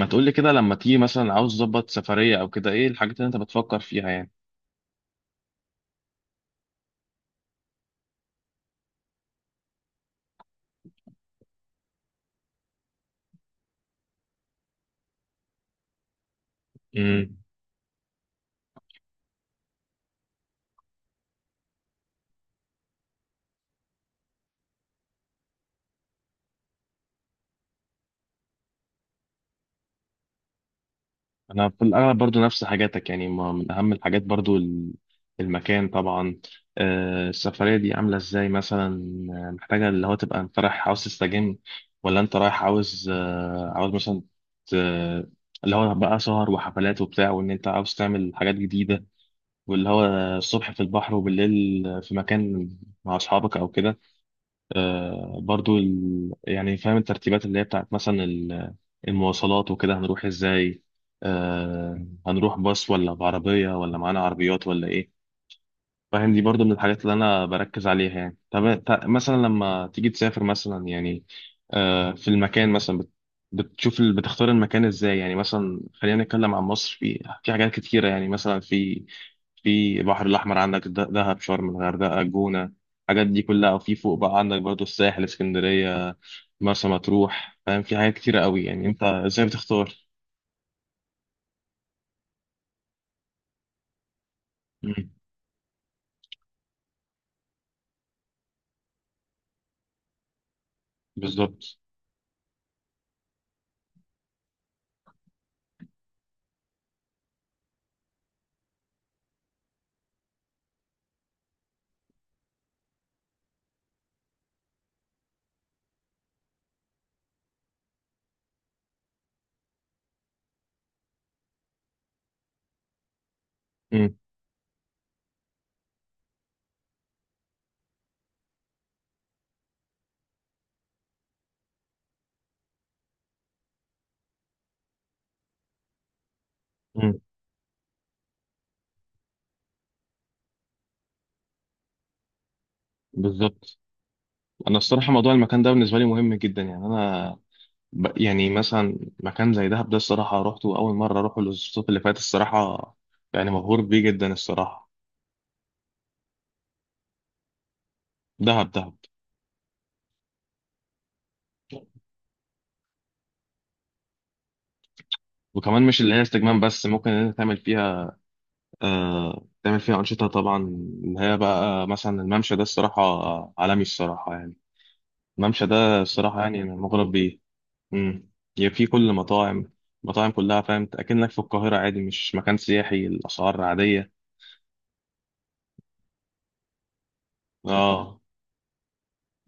ما تقولي كده لما تيجي مثلا عاوز تظبط سفرية أو كده إيه الحاجات اللي أنت بتفكر فيها يعني؟ امم. أنا في الأغلب برضو نفس حاجاتك، يعني ما من أهم الحاجات برضو المكان طبعا. السفرية دي عاملة إزاي مثلا؟ محتاجة اللي هو تبقى أنت رايح عاوز تستجم، ولا أنت رايح عاوز عاوز مثلا ت- اللي هو بقى سهر وحفلات وبتاع، وإن أنت عاوز تعمل حاجات جديدة، واللي هو الصبح في البحر وبالليل في مكان مع أصحابك أو كده. برضو يعني فاهم الترتيبات اللي هي بتاعت مثلا المواصلات، وكده هنروح ازاي؟ هنروح باص ولا بعربية، ولا معانا عربيات ولا ايه؟ فاهم، دي برضو من الحاجات اللي انا بركز عليها يعني. طب مثلا لما تيجي تسافر مثلا يعني، في المكان مثلا بتشوف بتختار المكان ازاي يعني؟ مثلا خلينا نتكلم عن مصر، في حاجات كتيرة يعني، مثلا في، في البحر الاحمر عندك دهب، شرم، الغردقة، الجونة، الحاجات دي كلها، وفي فوق بقى عندك برضو الساحل، اسكندرية، مرسى مطروح. فاهم، في حاجات كتيرة قوي، يعني انت ازاي بتختار؟ مم. بالظبط. مم. مم. بالظبط. انا الصراحه موضوع المكان ده بالنسبه لي مهم جدا، يعني انا يعني مثلا مكان زي دهب ده، الصراحه روحته اول مره اروحه الصيف اللي فات، الصراحه يعني مبهور بيه جدا الصراحه. دهب، دهب. وكمان مش اللي هي استجمام بس، ممكن ان انت تعمل فيها تعمل فيها انشطه طبعا، اللي هي بقى مثلا الممشى ده الصراحه عالمي، الصراحه يعني. الممشى ده الصراحه يعني انا مغرم بيه. امم. يعني في كل المطاعم، المطاعم كلها فاهم، اكنك في القاهره عادي، مش مكان سياحي، الاسعار عاديه. اه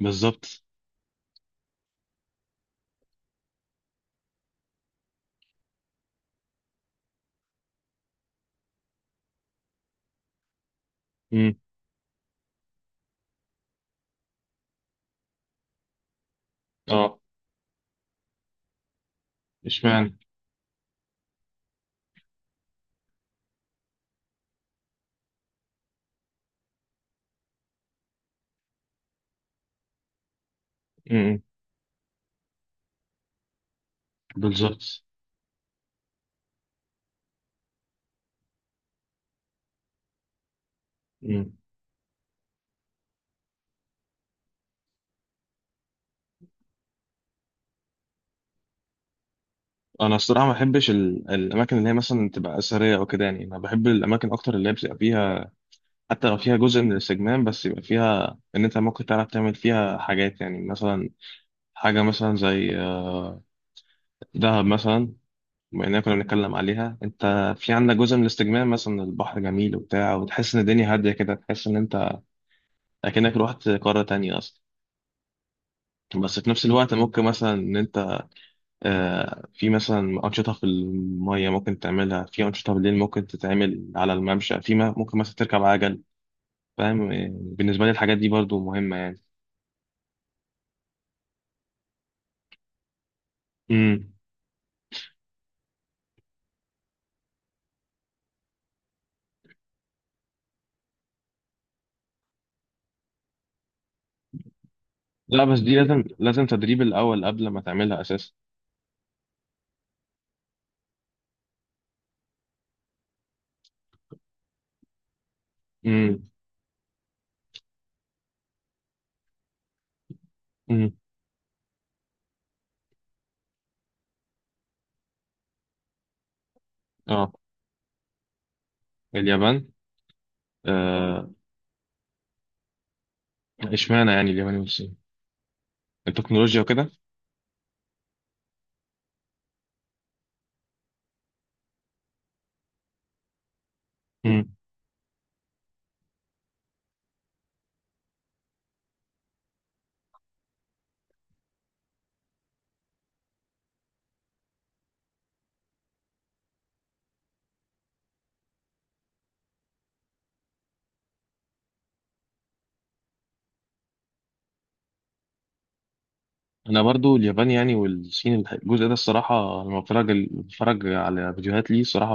بالظبط. امم. اه. اشمعنى؟ امم. بالظبط. امم. انا الصراحه ما بحبش الاماكن اللي هي مثلا تبقى اثريه او كده، يعني انا بحب الاماكن اكتر اللي هي بتبقى فيها، حتى لو فيها جزء من الاستجمام بس يبقى فيها ان انت ممكن تعرف تعمل فيها حاجات يعني. مثلا حاجه مثلا زي دهب مثلا، بما اننا كنا بنتكلم عليها. انت في عندك جزء من الاستجمام، مثلا البحر جميل وبتاع، وتحس ان الدنيا هاديه كده، تحس ان انت اكنك روحت قاره تانية اصلا. بس في نفس الوقت ممكن مثلا ان انت في مثلا أنشطة في المية ممكن تعملها، في أنشطة بالليل ممكن تتعمل على الممشى، في ما ممكن مثلا تركب عجل. فاهم، بالنسبة لي الحاجات دي برضو مهمة يعني. امم. لا، بس دي لازم لازم تدريب الأول قبل ما تعملها أساسا. امم. امم. اه، اليابان. آه، اشمعنى يعني اليابان والصين؟ التكنولوجيا وكده؟ امم. انا برضو اليابان يعني والصين الجزء ده الصراحه، لما بتفرج على فيديوهات ليه الصراحه،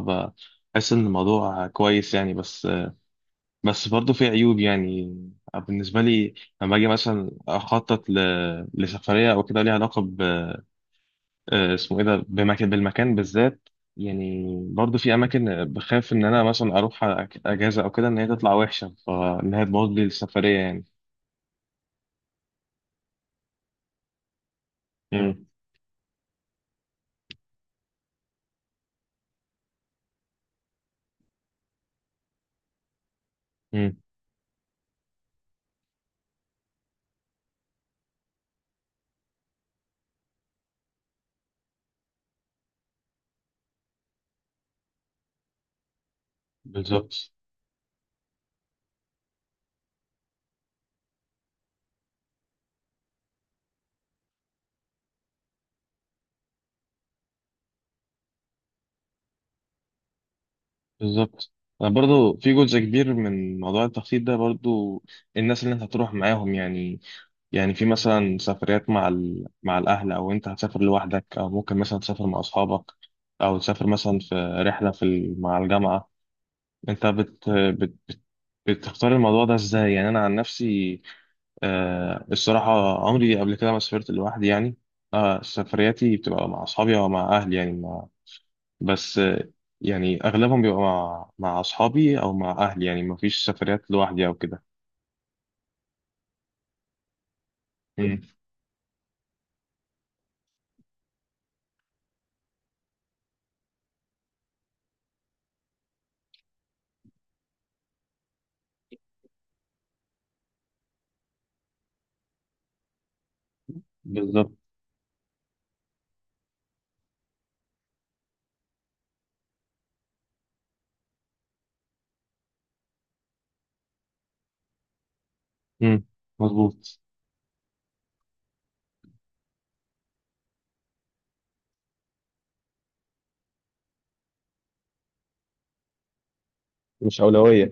بحس ان الموضوع كويس يعني. بس، بس برضه في عيوب يعني، بالنسبة لي، لما أجي مثلا أخطط لسفرية أو كده ليها علاقة اسمه إيه ده بالمكان بالذات يعني. برضه في أماكن بخاف إن أنا مثلا أروح أجازة أو كده إن هي تطلع وحشة، فإن هي تبوظ لي السفرية يعني. مم. مم. بالظبط. بالظبط. أنا برضه في جزء كبير من موضوع التخطيط ده برضه الناس اللي أنت هتروح معاهم يعني. يعني في مثلا سفريات مع مع الأهل، أو أنت هتسافر لوحدك، أو ممكن مثلا تسافر مع أصحابك، أو تسافر مثلا في رحلة في مع الجامعة. أنت بتختار الموضوع ده إزاي يعني؟ أنا عن نفسي آه الصراحة عمري قبل كده ما سافرت لوحدي يعني. آه سفرياتي بتبقى مع أصحابي أو مع أهلي يعني بس آه يعني أغلبهم بيبقى مع أصحابي أو مع أهلي يعني، مفيش سفريات لوحدي أو كده. مم. بالظبط. مم. مظبوط. مش أولوية.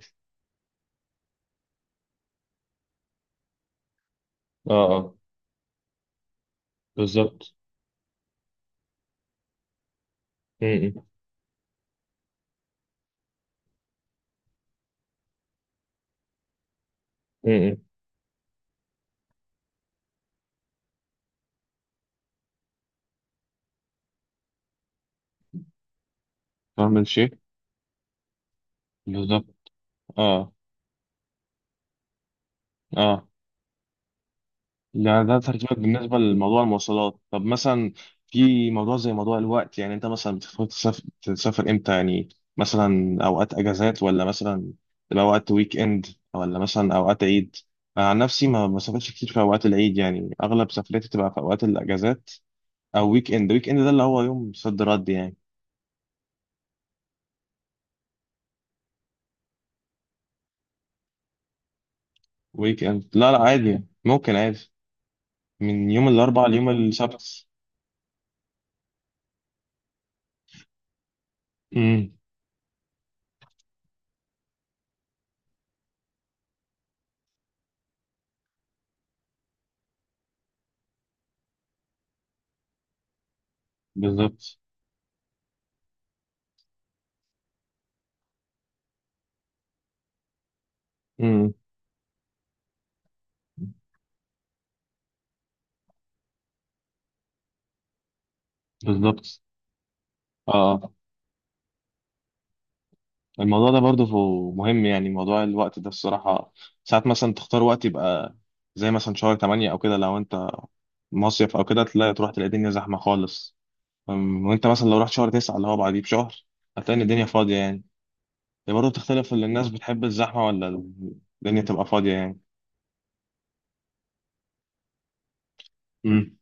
اه. بالظبط. م- م- م- م. فاهم الشيء. بالظبط. اه. اه ده ترتيبك بالنسبه لموضوع المواصلات. طب مثلا في موضوع زي موضوع الوقت، يعني انت مثلا بتفكر تسافر امتى يعني؟ مثلا اوقات اجازات، ولا مثلا تبقى وقت ويك اند، ولا مثلا اوقات عيد؟ انا عن نفسي ما بسافرش كتير في اوقات العيد، يعني اغلب سفرياتي تبقى في اوقات الاجازات او ويك اند. ويك اند ده اللي هو يوم صد رد يعني. ويك اند، لا لا عادي يعني. ممكن عادي من يوم الاربعاء ليوم السبت. امم. بالظبط. امم. بالظبط. اه. الموضوع ده برضه مهم يعني، موضوع الوقت ده الصراحة. ساعات مثلا تختار وقت يبقى زي مثلا شهر 8 أو كده، لو أنت مصيف أو كده تلاقي، تروح تلاقي الدنيا زحمة خالص. وأنت مثلا لو رحت شهر 9 اللي هو بعديه بشهر هتلاقي إن الدنيا فاضية يعني. هي برضه بتختلف، اللي الناس بتحب الزحمة، ولا الدنيا تبقى فاضية يعني. امم.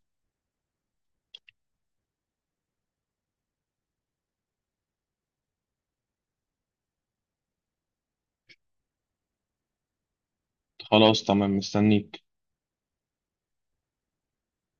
خلاص تمام مستنيك.